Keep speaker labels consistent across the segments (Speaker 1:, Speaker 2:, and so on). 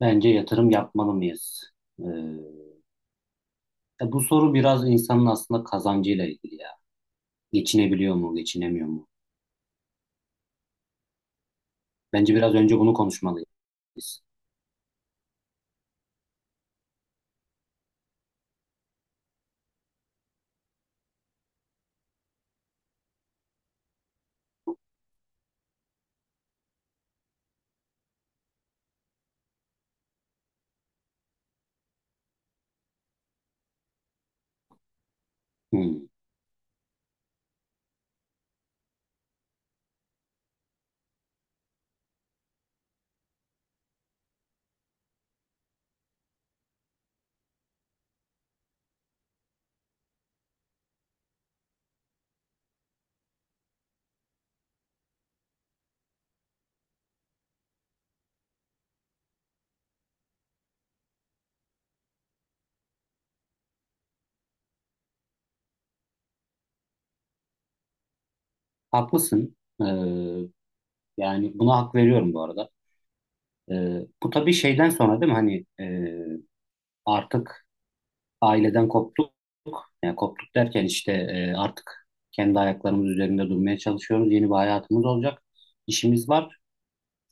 Speaker 1: Bence yatırım yapmalı mıyız? Ee, Ya bu soru biraz insanın aslında kazancıyla ilgili ya. Geçinebiliyor mu, geçinemiyor mu? Bence biraz önce bunu konuşmalıyız. Hmm. Haklısın. Ee, Yani buna hak veriyorum bu arada. Bu tabii şeyden sonra değil mi? Hani artık aileden koptuk. Yani koptuk derken işte artık kendi ayaklarımız üzerinde durmaya çalışıyoruz. Yeni bir hayatımız olacak. İşimiz var.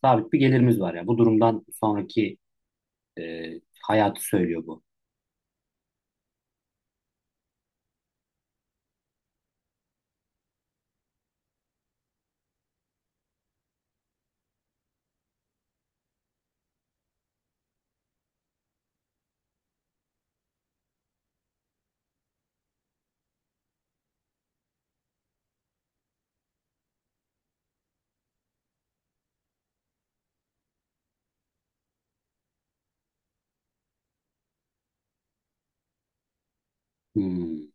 Speaker 1: Sabit bir gelirimiz var ya. Bu durumdan sonraki E, hayatı söylüyor bu. Hmm.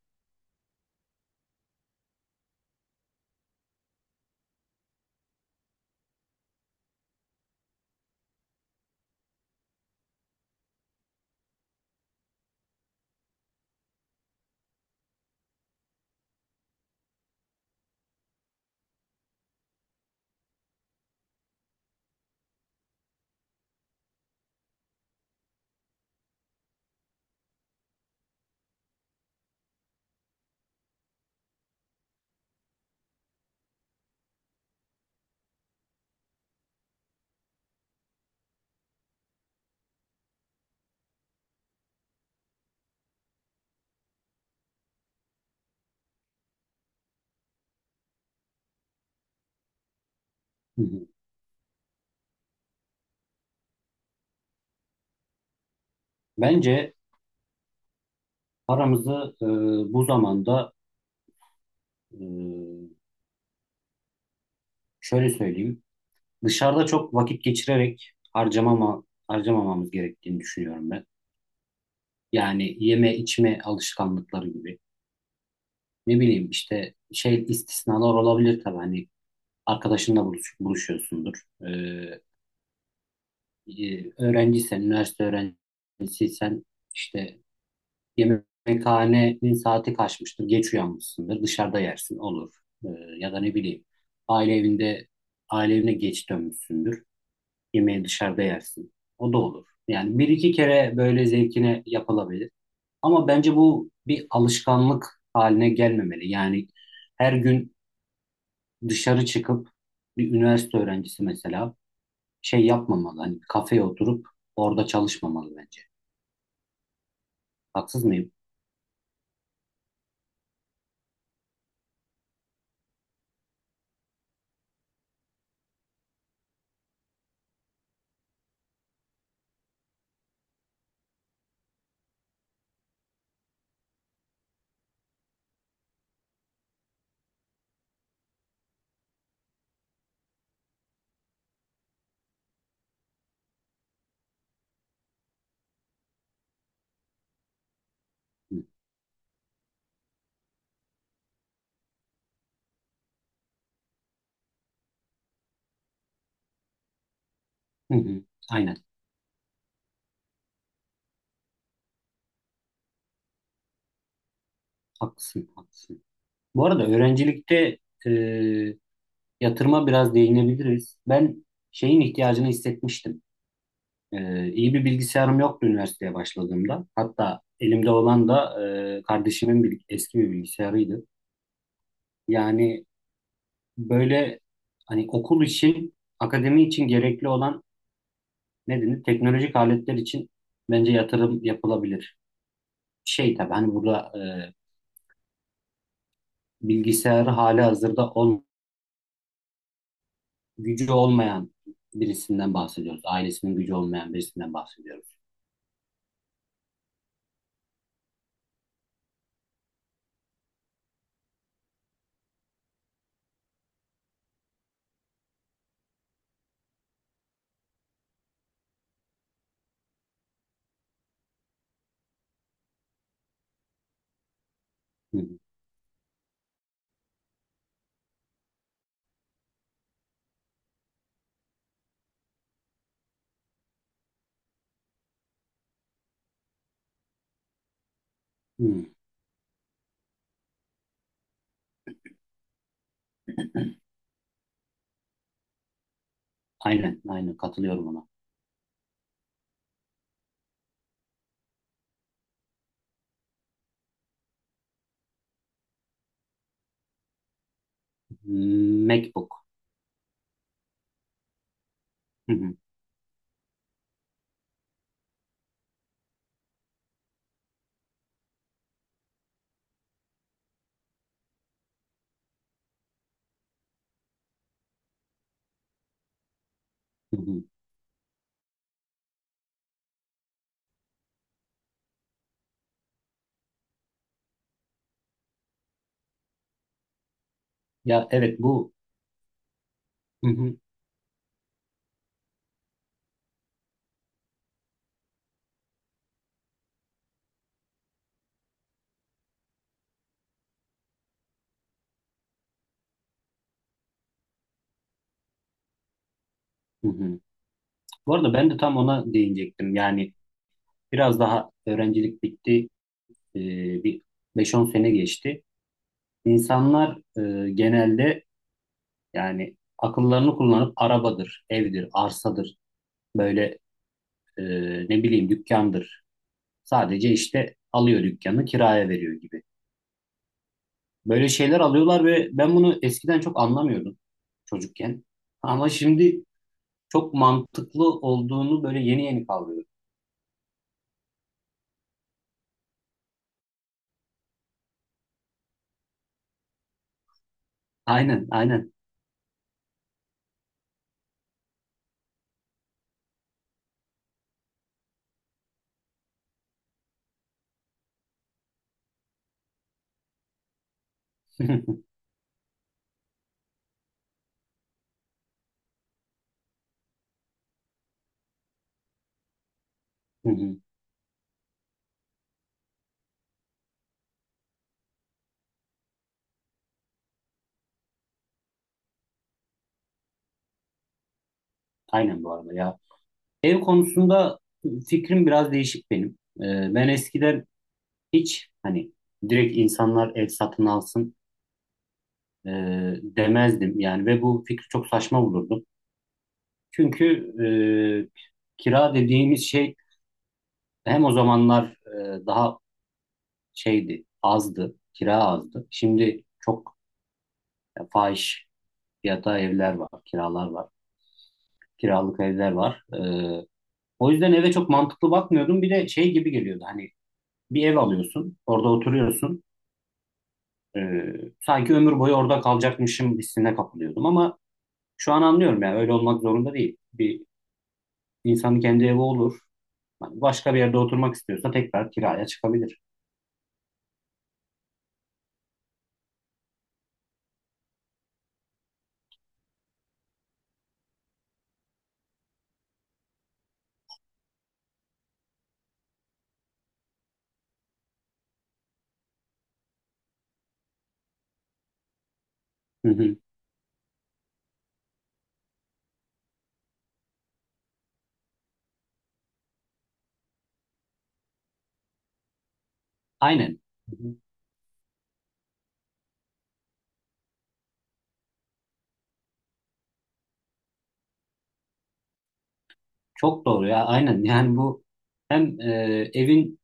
Speaker 1: Hı hı. Bence paramızı bu zamanda e, şöyle söyleyeyim. Dışarıda çok vakit geçirerek harcamamamız gerektiğini düşünüyorum ben. Yani yeme içme alışkanlıkları gibi. Ne bileyim işte şey istisnalar olabilir tabii hani buluşuyorsundur. Öğrenciysen, üniversite öğrencisiysen işte yemekhanenin saati kaçmıştır, geç uyanmışsındır, dışarıda yersin, olur. Ee, Ya da ne bileyim, aile evinde, aile evine geç dönmüşsündür, yemeği dışarıda yersin. O da olur. Yani bir iki kere böyle zevkine yapılabilir. Ama bence bu bir alışkanlık haline gelmemeli. Yani her gün dışarı çıkıp bir üniversite öğrencisi mesela şey yapmamalı. Hani bir kafeye oturup orada çalışmamalı bence. Haksız mıyım? Hı hı. Aynen. Haklısın. Haklısın. Bu arada öğrencilikte e, yatırıma biraz değinebiliriz. Ben şeyin ihtiyacını hissetmiştim. İyi bir bilgisayarım yoktu üniversiteye başladığımda. Hatta elimde olan da kardeşimin bir, eski bir bilgisayarıydı. Yani böyle hani okul için, akademi için gerekli olan ne denir? Teknolojik aletler için bence yatırım yapılabilir. Şey tabii hani burada bilgisayarı hali hazırda gücü olmayan birisinden bahsediyoruz. Ailesinin gücü olmayan birisinden bahsediyoruz. Hı hı. Hı. Aynen, aynen katılıyorum ona. MacBook. Hı hı. Hı hı. Ya evet bu. Hı hı. Hı hı. Bu arada ben de tam ona değinecektim. Yani biraz daha öğrencilik bitti. Ee, Bir beş on sene geçti. İnsanlar genelde yani akıllarını kullanıp arabadır, evdir, arsadır, böyle e, ne bileyim dükkandır. Sadece işte alıyor dükkanı kiraya veriyor gibi. Böyle şeyler alıyorlar ve ben bunu eskiden çok anlamıyordum çocukken. Ama şimdi çok mantıklı olduğunu böyle yeni yeni kavruyorum. Aynen, aynen. Hı hı. Aynen bu arada ya. Ev konusunda fikrim biraz değişik benim. Ben eskiden hiç hani direkt insanlar ev satın alsın e, demezdim yani ve bu fikri çok saçma bulurdum. Çünkü kira dediğimiz şey hem o zamanlar daha kira azdı. Şimdi çok fahiş fiyata evler var, kiralar var, kiralık evler var. O yüzden eve çok mantıklı bakmıyordum. Bir de şey gibi geliyordu hani bir ev alıyorsun, orada oturuyorsun. E, Sanki ömür boyu orada kalacakmışım hissine kapılıyordum ama şu an anlıyorum yani öyle olmak zorunda değil. Bir insanın kendi evi olur. Hani başka bir yerde oturmak istiyorsa tekrar kiraya çıkabilir. Hı hı. Aynen. Çok doğru ya aynen yani bu hem e, evin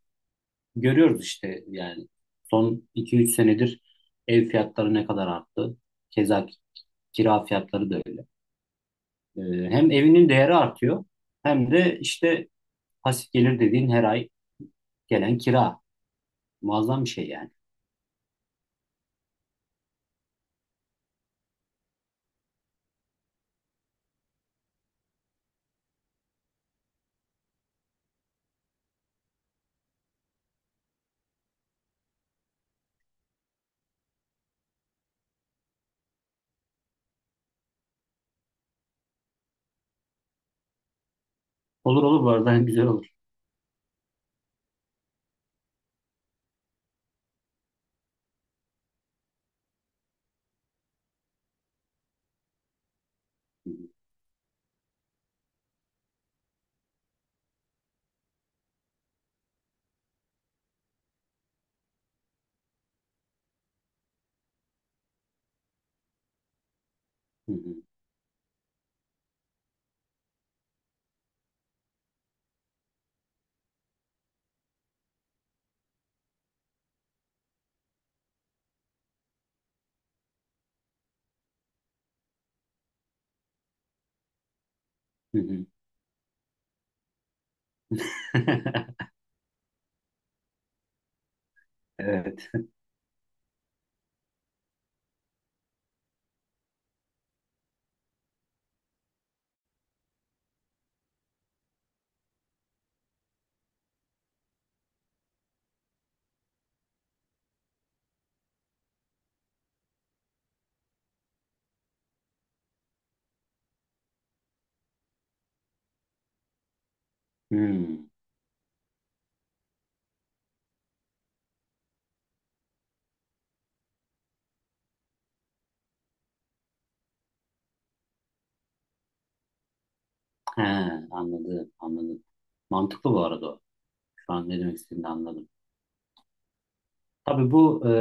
Speaker 1: görüyoruz işte yani son iki üç senedir ev fiyatları ne kadar arttı. Keza kira fiyatları da öyle. E, Hem evinin değeri artıyor hem de işte pasif gelir dediğin her ay gelen kira. Muazzam bir şey yani. Olur olur bu arada güzel olur. Hı hı, hı hı. Evet. Hmm. He, anladım anladım. Mantıklı bu arada o. Şu an ne demek istediğini anladım. Tabii bu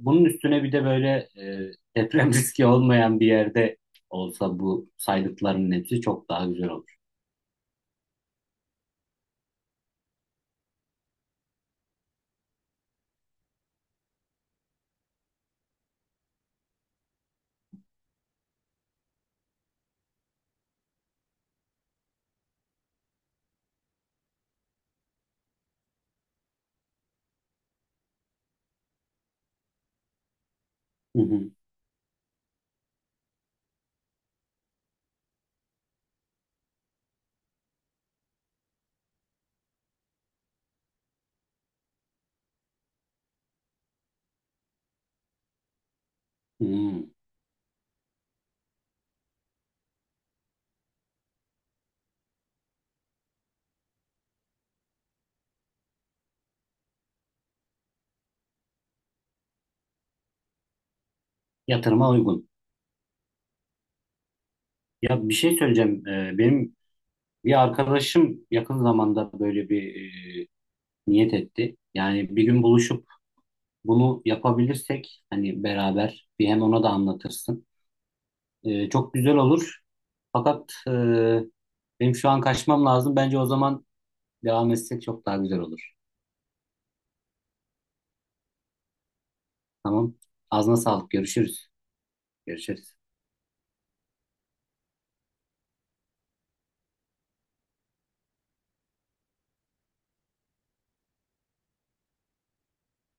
Speaker 1: bunun üstüne bir de böyle deprem riski olmayan bir yerde olsa bu saydıklarının hepsi çok daha güzel olur. Hı hı. Hmm. Yatırıma uygun. Ya bir şey söyleyeceğim. Benim bir arkadaşım yakın zamanda böyle bir e, niyet etti. Yani bir gün buluşup bunu yapabilirsek hani beraber bir hem ona da anlatırsın. Çok güzel olur. Fakat benim şu an kaçmam lazım. Bence o zaman devam etsek çok daha güzel olur. Tamam. Ağzına sağlık. Görüşürüz. Görüşürüz.